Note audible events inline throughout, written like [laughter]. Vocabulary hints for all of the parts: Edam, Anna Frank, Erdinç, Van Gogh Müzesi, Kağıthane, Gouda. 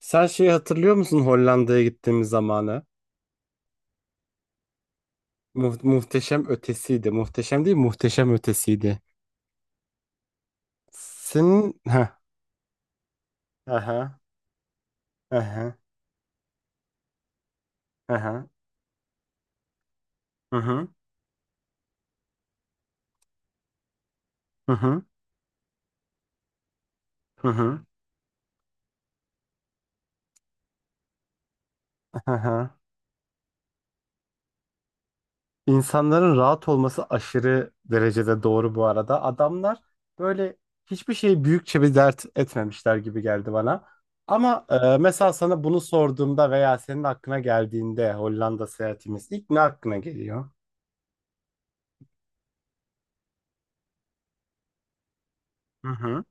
Sen şeyi hatırlıyor musun Hollanda'ya gittiğimiz zamanı? Muhteşem ötesiydi. Muhteşem değil, muhteşem ötesiydi. Senin... Heh. Aha. Aha. Aha. Hı hı. Hı hı. Hı hı. Aha. İnsanların rahat olması aşırı derecede doğru bu arada. Adamlar böyle hiçbir şeyi büyükçe bir dert etmemişler gibi geldi bana. Ama mesela sana bunu sorduğumda veya senin aklına geldiğinde Hollanda seyahatimiz ilk ne aklına geliyor? Hı hı.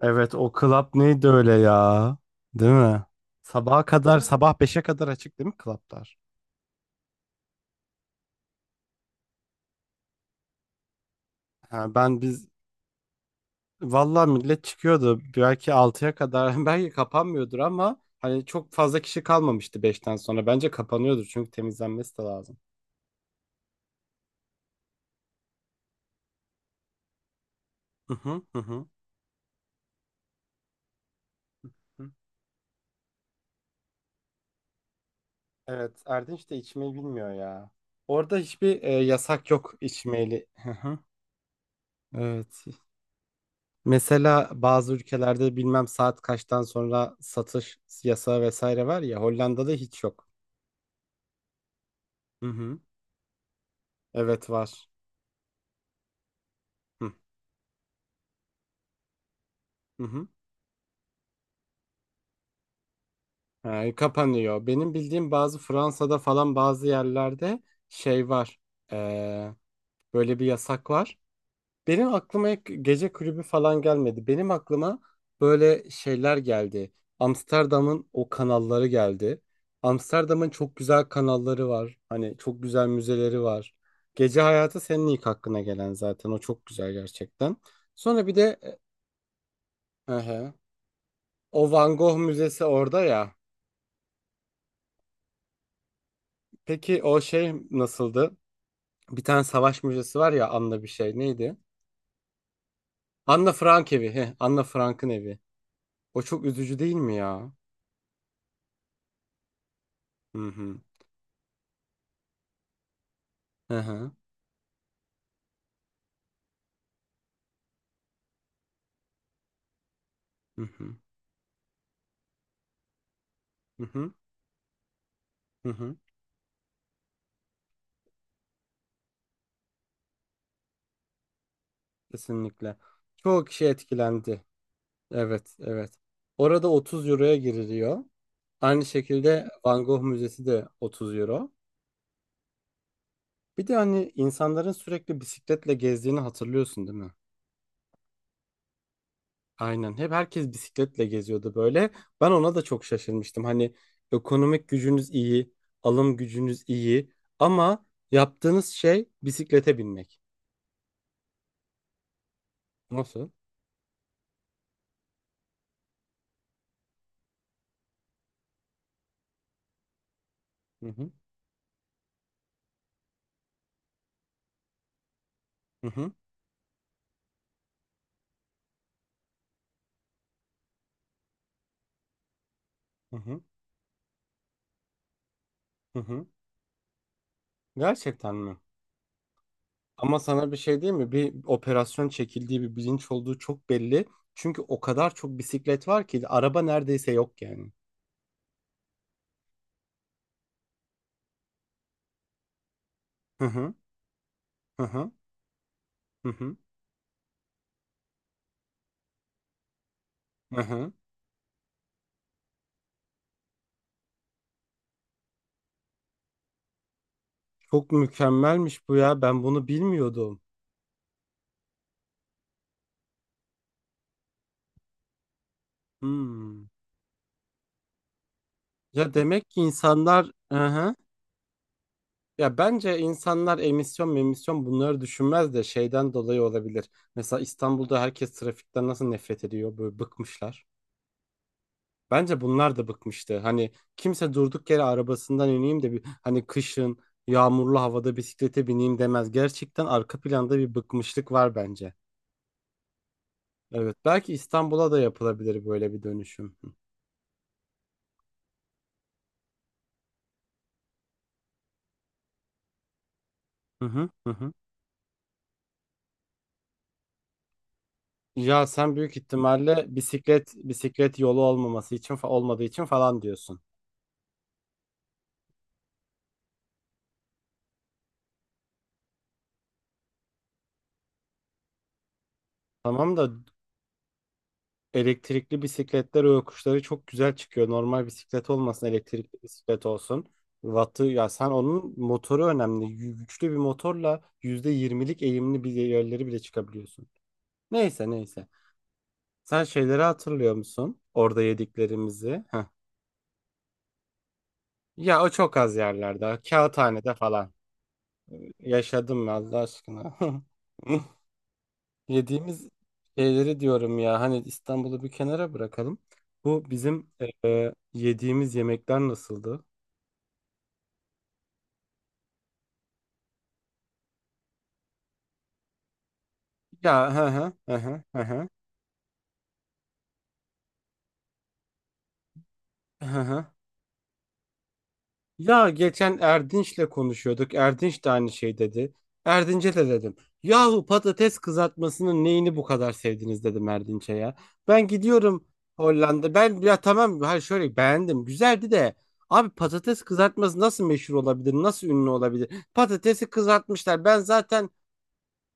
Evet, o club neydi öyle ya? Değil mi? Sabaha kadar. Evet, sabah 5'e kadar açık değil mi clublar? Ha, biz vallahi millet çıkıyordu belki 6'ya kadar [laughs] belki kapanmıyordur ama hani çok fazla kişi kalmamıştı 5'ten sonra. Bence kapanıyordur çünkü temizlenmesi de lazım. Hı hı hı hı. Hı. Evet, Erdinç de içmeyi bilmiyor ya. Orada hiçbir yasak yok içmeyeli. Hı hı. Evet. Mesela bazı ülkelerde bilmem saat kaçtan sonra satış yasağı vesaire var ya, Hollanda'da hiç yok. Hı hı. Evet, var. Hı hı hı. Ha, kapanıyor. Benim bildiğim bazı Fransa'da falan bazı yerlerde şey var. Ee, Böyle bir yasak var. Benim aklıma ilk gece kulübü falan gelmedi. Benim aklıma böyle şeyler geldi. Amsterdam'ın o kanalları geldi. Amsterdam'ın çok güzel kanalları var. Hani çok güzel müzeleri var. Gece hayatı senin ilk hakkına gelen zaten. O çok güzel gerçekten. Sonra bir de e, ehe, o Van Gogh Müzesi orada ya. Peki o şey nasıldı? Bir tane savaş müzesi var ya, Anna bir şey, neydi? Anna Frank evi. Anna Frank'ın evi. O çok üzücü değil mi ya? Hı hı. Hı hı. Hı hı, hı hı, hı hı. Kesinlikle. Çoğu kişi etkilendi. Evet, evet. Orada 30 euroya giriliyor. Aynı şekilde Van Gogh Müzesi de 30 euro. Bir de hani insanların sürekli bisikletle gezdiğini hatırlıyorsun değil mi? Aynen. Hep herkes bisikletle geziyordu böyle. Ben ona da çok şaşırmıştım. Hani ekonomik gücünüz iyi, alım gücünüz iyi ama yaptığınız şey bisiklete binmek. Nasıl? Hı hı, hı hı, hı hı, hı hı. Gerçekten mi? Ama sana bir şey diyeyim mi? Bir operasyon çekildiği, bir bilinç olduğu çok belli. Çünkü o kadar çok bisiklet var ki araba neredeyse yok yani. Hı hı hı hı hı hı hı hı. Çok mükemmelmiş bu ya. Ben bunu bilmiyordum. Hmm. Ya demek ki insanlar, hı hı. Ya bence insanlar emisyon bunları düşünmez de şeyden dolayı olabilir. Mesela İstanbul'da herkes trafikten nasıl nefret ediyor? Böyle bıkmışlar. Bence bunlar da bıkmıştı. Hani kimse durduk yere arabasından ineyim de bir hani kışın yağmurlu havada bisiklete bineyim demez. Gerçekten arka planda bir bıkmışlık var bence. Evet, belki İstanbul'a da yapılabilir böyle bir dönüşüm. Hı hı hı hı. Ya sen büyük ihtimalle bisiklet yolu olmaması için olmadığı için falan diyorsun. Tamam da elektrikli bisikletler o yokuşları çok güzel çıkıyor. Normal bisiklet olmasın, elektrikli bisiklet olsun. Wattı ya, sen onun motoru önemli. Güçlü bir motorla %20'lik eğimli bir yerleri bile çıkabiliyorsun. Neyse, neyse. Sen şeyleri hatırlıyor musun? Orada yediklerimizi. Heh. Ya o çok az yerlerde. Kağıthanede falan. Yaşadım ben, Allah aşkına. [laughs] Yediğimiz şeyleri diyorum ya, hani İstanbul'u bir kenara bırakalım. Bu bizim yediğimiz yemekler nasıldı? Ya hı hı hı hı hı hı hı hı. Ya geçen Erdinç'le konuşuyorduk. Erdinç de aynı şey dedi. Erdinç'e de dedim. Yahu patates kızartmasının neyini bu kadar sevdiniz dedim Erdinç'e ya. Ben gidiyorum Hollanda. Ben ya tamam, hayır, şöyle beğendim. Güzeldi de, abi patates kızartması nasıl meşhur olabilir? Nasıl ünlü olabilir? Patatesi kızartmışlar. Ben zaten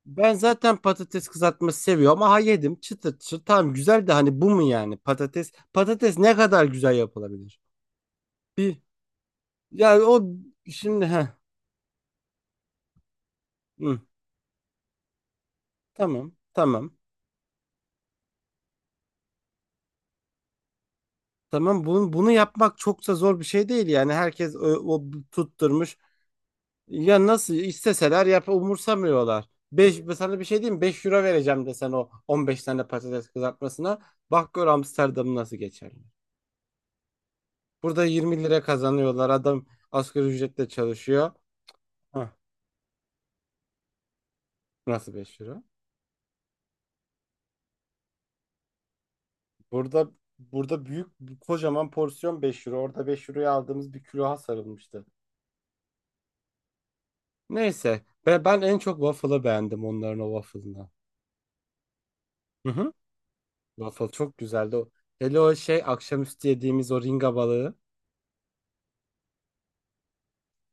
Ben zaten patates kızartması seviyorum. Aha, yedim çıtır çıtır. Tamam, güzel de hani bu mu yani patates? Patates ne kadar güzel yapılabilir? Bir yani o şimdi, ha. Hı. Tamam. Tamam. Tamam, bunu yapmak çok da zor bir şey değil yani herkes o tutturmuş. Ya nasıl isteseler yap, umursamıyorlar. 5, sana bir şey diyeyim mi? Beş euro vereceğim desen o 15 tane patates kızartmasına. Bak gör Amsterdam'ı nasıl geçerli. Burada 20 lira kazanıyorlar. Adam asgari ücretle çalışıyor. Hah, nasıl 5 euro? Burada burada büyük kocaman porsiyon 5 euro. Orada 5 euroya aldığımız bir külaha sarılmıştı. Neyse. Ben en çok waffle'ı beğendim, onların o waffle'ını. Hı hı. Waffle çok güzeldi. Hele o şey akşamüstü yediğimiz o ringa balığı.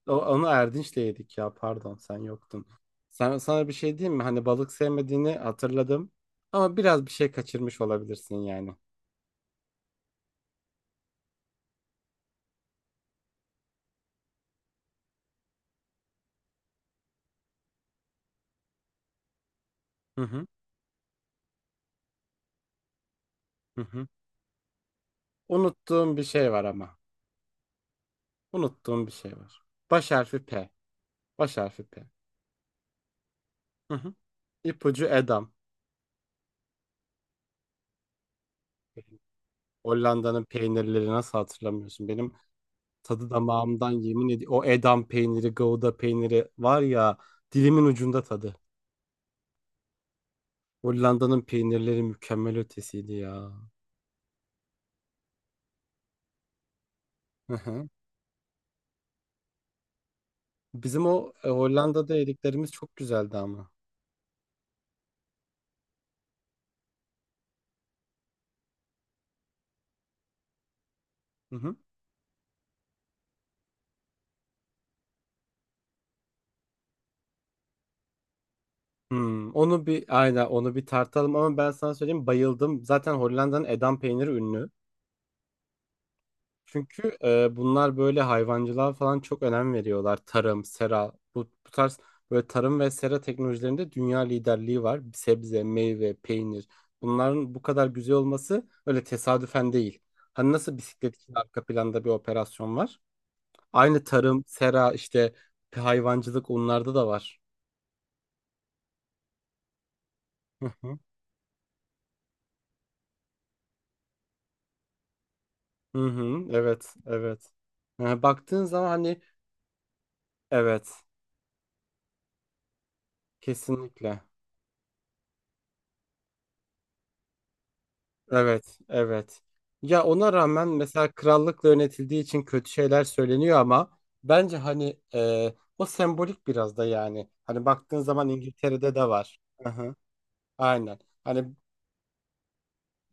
Onu Erdinç'le yedik ya, pardon, sen yoktun. Sana bir şey diyeyim mi? Hani balık sevmediğini hatırladım. Ama biraz bir şey kaçırmış olabilirsin yani. Hı hı. Hı hı. Unuttuğum bir şey var ama. Unuttuğum bir şey var. Baş harfi P. Baş harfi P. Hı hı. İpucu Edam. Hollanda'nın peynirleri, nasıl hatırlamıyorsun? Benim tadı damağımdan, yemin ediyorum. O Edam peyniri, Gouda peyniri var ya, dilimin ucunda tadı. Hollanda'nın peynirleri mükemmel ötesiydi ya. Hı hı. Bizim o Hollanda'da yediklerimiz çok güzeldi ama. Hı hı. Hmm, onu bir aynen onu bir tartalım ama ben sana söyleyeyim, bayıldım. Zaten Hollanda'nın Edam peyniri ünlü. Çünkü bunlar böyle hayvancılığa falan çok önem veriyorlar. Tarım, sera, bu tarz böyle tarım ve sera teknolojilerinde dünya liderliği var. Sebze, meyve, peynir. Bunların bu kadar güzel olması öyle tesadüfen değil. Hani nasıl bisiklet için arka planda bir operasyon var? Aynı tarım, sera, işte hayvancılık onlarda da var. Hı hı. Hı hı, evet, evet. Yani baktığın zaman hani evet, kesinlikle. Evet, evet. Ya ona rağmen mesela krallıkla yönetildiği için kötü şeyler söyleniyor ama bence hani o sembolik biraz da yani. Hani baktığın zaman İngiltere'de de var. Hı hı. Aynen. Hani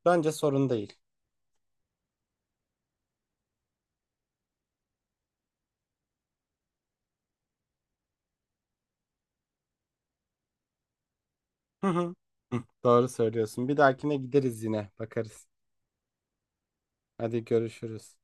bence sorun değil. Hı hı. Hı, doğru söylüyorsun. Bir dahakine gideriz, yine bakarız. Hadi görüşürüz.